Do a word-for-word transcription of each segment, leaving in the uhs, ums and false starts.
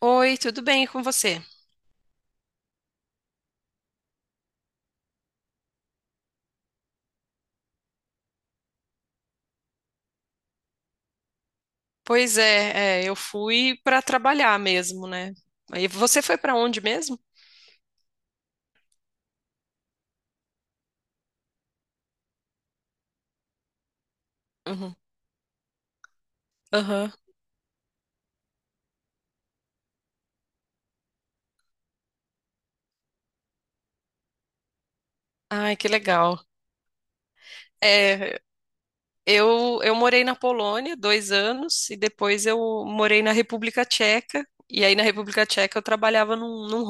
Oi, tudo bem com você? Pois é, é, eu fui para trabalhar mesmo, né? E você foi para onde mesmo? Uhum. Aham. Ai, que legal. É, eu, eu morei na Polônia dois anos e depois eu morei na República Tcheca. E aí na República Tcheca eu trabalhava num, num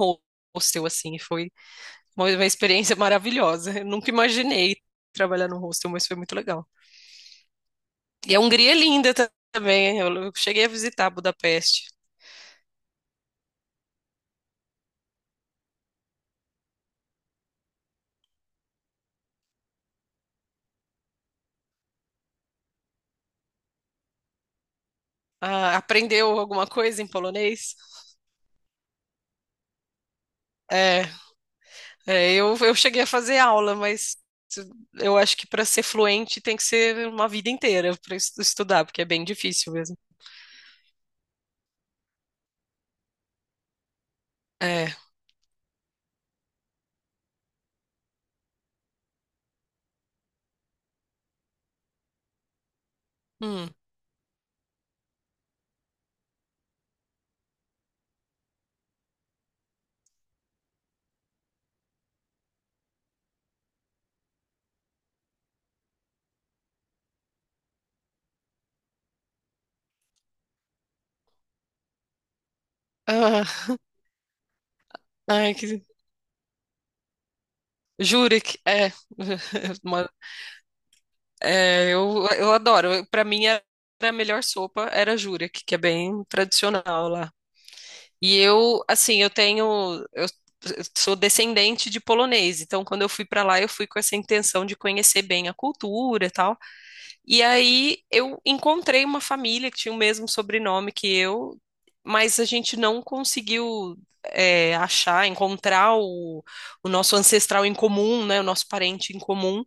hostel, assim, e foi uma, uma experiência maravilhosa. Eu nunca imaginei trabalhar num hostel, mas foi muito legal. E a Hungria é linda ta- também, hein? eu eu cheguei a visitar Budapeste. Ah, aprendeu alguma coisa em polonês? É, é, eu, eu cheguei a fazer aula, mas eu acho que para ser fluente tem que ser uma vida inteira para estudar, porque é bem difícil mesmo. É. Hum. Ah, ai, que... Jurek, é. Uma- é, eu, eu adoro. Para mim, era a melhor sopa era Jurek, que é bem tradicional lá. E eu, assim, eu tenho, eu sou descendente de polonês, então quando eu fui para lá, eu fui com essa intenção de conhecer bem a cultura e tal. E aí eu encontrei uma família que tinha o mesmo sobrenome que eu, mas a gente não conseguiu é, achar, encontrar o, o nosso ancestral em comum, né, o nosso parente em comum.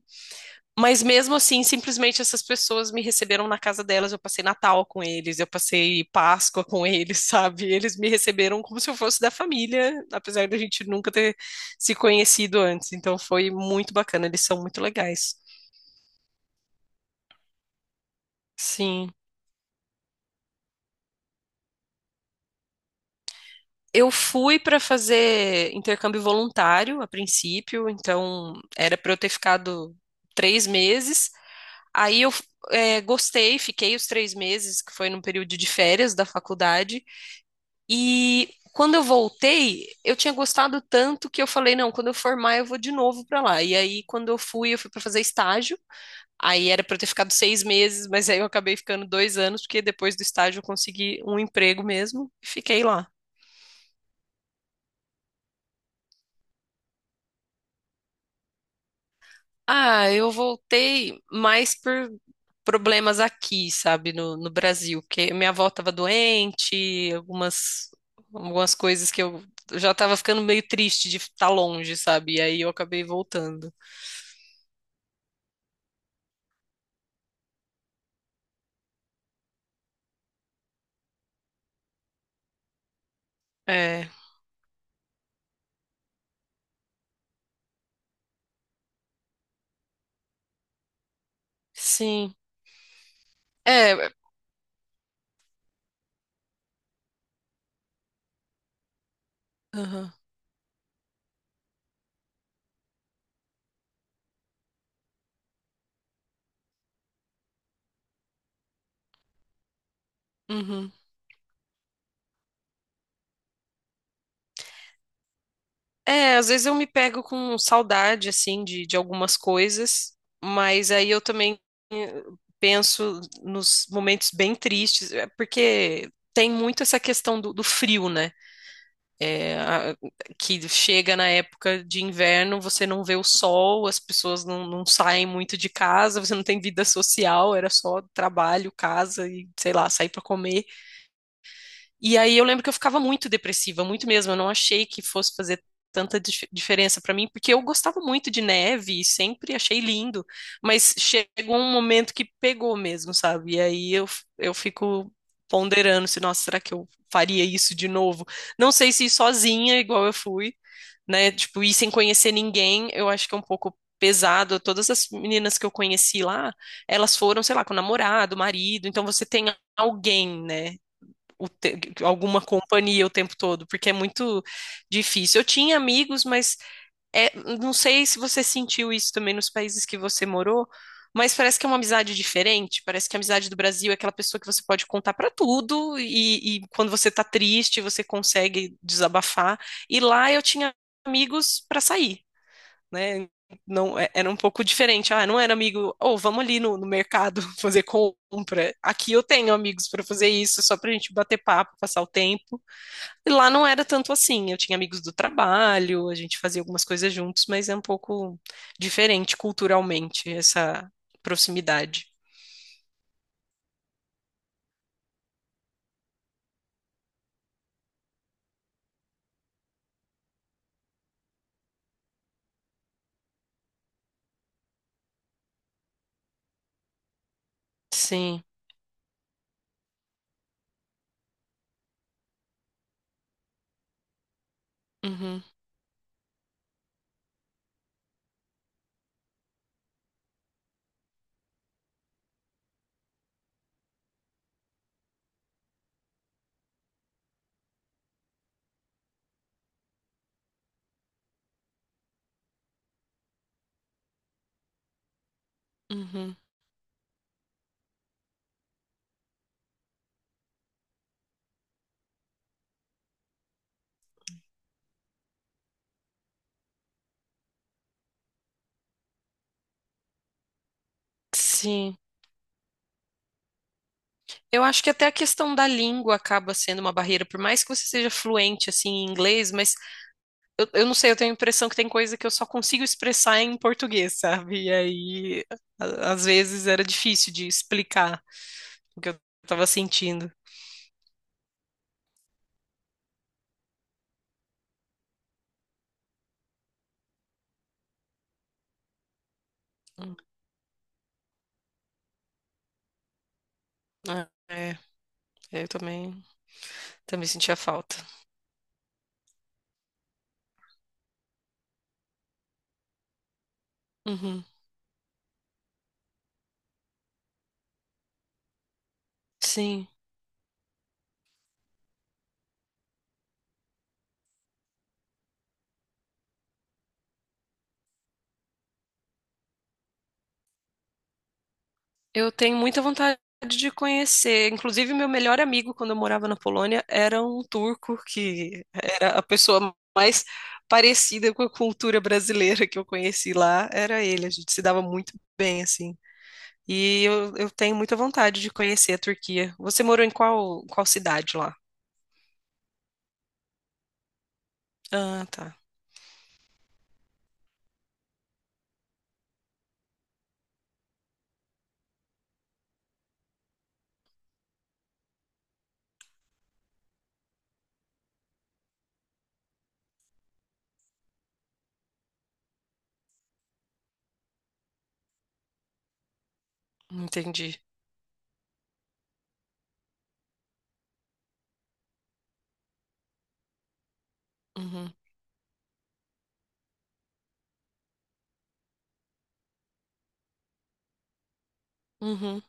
Mas mesmo assim, simplesmente essas pessoas me receberam na casa delas. Eu passei Natal com eles, eu passei Páscoa com eles, sabe? Eles me receberam como se eu fosse da família, apesar da gente nunca ter se conhecido antes. Então foi muito bacana, eles são muito legais. Sim. Eu fui para fazer intercâmbio voluntário a princípio, então era para eu ter ficado três meses. Aí eu eh, gostei, fiquei os três meses, que foi num período de férias da faculdade. E quando eu voltei, eu tinha gostado tanto que eu falei, não, quando eu formar eu vou de novo para lá. E aí, quando eu fui, eu fui para fazer estágio. Aí era para eu ter ficado seis meses, mas aí eu acabei ficando dois anos, porque depois do estágio eu consegui um emprego mesmo e fiquei lá. Ah, eu voltei mais por problemas aqui, sabe, no, no Brasil, porque minha avó estava doente, algumas, algumas coisas que eu já estava ficando meio triste de estar longe, sabe? E aí eu acabei voltando. É. Sim. É, é, aham, uhum. É, às vezes eu me pego com saudade, assim, de, de algumas coisas, mas aí eu também eh, penso nos momentos bem tristes, é, porque tem muito essa questão do, do frio, né? É, a- que chega na época de inverno, você não vê o sol, as pessoas não, não saem muito de casa, você não tem vida social, era só trabalho, casa e, sei lá, sair para comer. E aí eu lembro que eu ficava muito depressiva, muito mesmo. Eu não achei que fosse fazer tanta dif- diferença pra mim, porque eu gostava muito de neve e sempre achei lindo, mas chegou um momento que pegou mesmo, sabe? E aí eu, f- eu fico ponderando se, nossa, será que eu faria isso de novo? Não sei se ir sozinha, igual eu fui, né? Tipo, ir sem conhecer ninguém, eu acho que é um pouco pesado. Todas as meninas que eu conheci lá, elas foram, sei lá, com namorado, marido, então você tem alguém, né? O te- alguma companhia o tempo todo, porque é muito difícil. Eu tinha amigos, mas é- não sei se você sentiu isso também nos países que você morou, mas parece que é uma amizade diferente. Parece que a amizade do Brasil é aquela pessoa que você pode contar pra tudo e, e quando você tá triste, você consegue desabafar. E lá eu tinha amigos pra sair, né? Não, é- era um pouco diferente. Ah, não era amigo, ou vamos ali no, no mercado fazer compra. Aqui eu tenho amigos para fazer isso, só pra gente bater papo, passar o tempo. E lá não era tanto assim. Eu tinha amigos do trabalho, a gente fazia algumas coisas juntos, mas é um pouco diferente culturalmente essa proximidade. Sim. Uhum, uhum. Sim. Eu acho que até a questão da língua acaba sendo uma barreira, por mais que você seja fluente assim em inglês, mas Eu, eu não sei, eu tenho a impressão que tem coisa que eu só consigo expressar em português, sabe? E aí, a- às vezes era difícil de explicar o que eu tava sentindo. Hum. É, é, eu também, também sentia falta. Uhum. Sim, eu tenho muita vontade de conhecer. Inclusive, meu melhor amigo, quando eu morava na Polônia, era um turco que era a pessoa mais parecida com a cultura brasileira que eu conheci lá. Era ele, a gente se dava muito bem, assim. E eu, eu tenho muita vontade de conhecer a Turquia. Você morou em qual, qual cidade lá? Ah, tá. Entendi. Uhum. Uhum.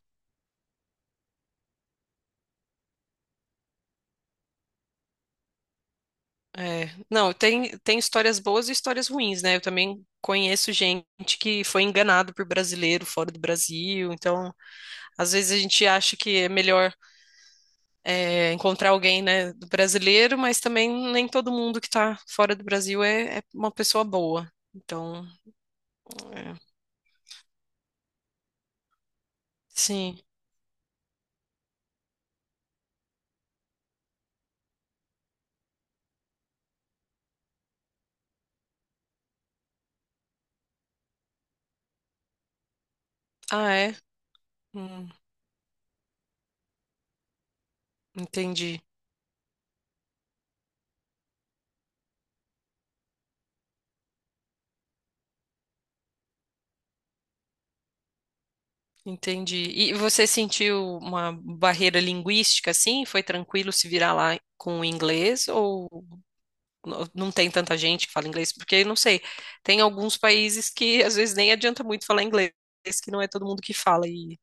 É. Não, tem, tem histórias boas e histórias ruins, né? Eu também conheço gente que foi enganado por brasileiro fora do Brasil. Então, às vezes a gente acha que é melhor é, encontrar alguém, né, do brasileiro, mas também nem todo mundo que tá fora do Brasil é, é uma pessoa boa. Então, é. Sim. Ah, é? Hum, entendi. Entendi. E você sentiu uma barreira linguística assim? Foi tranquilo se virar lá com o inglês? Ou n- não tem tanta gente que fala inglês? Porque, não sei, tem alguns países que às vezes nem adianta muito falar inglês, que não é todo mundo que fala. E...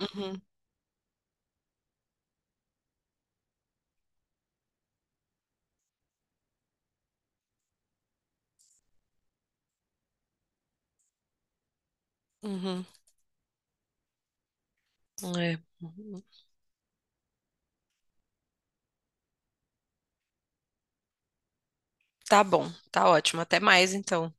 Uhum, uhum, é. Tá bom, tá ótimo. Até mais então.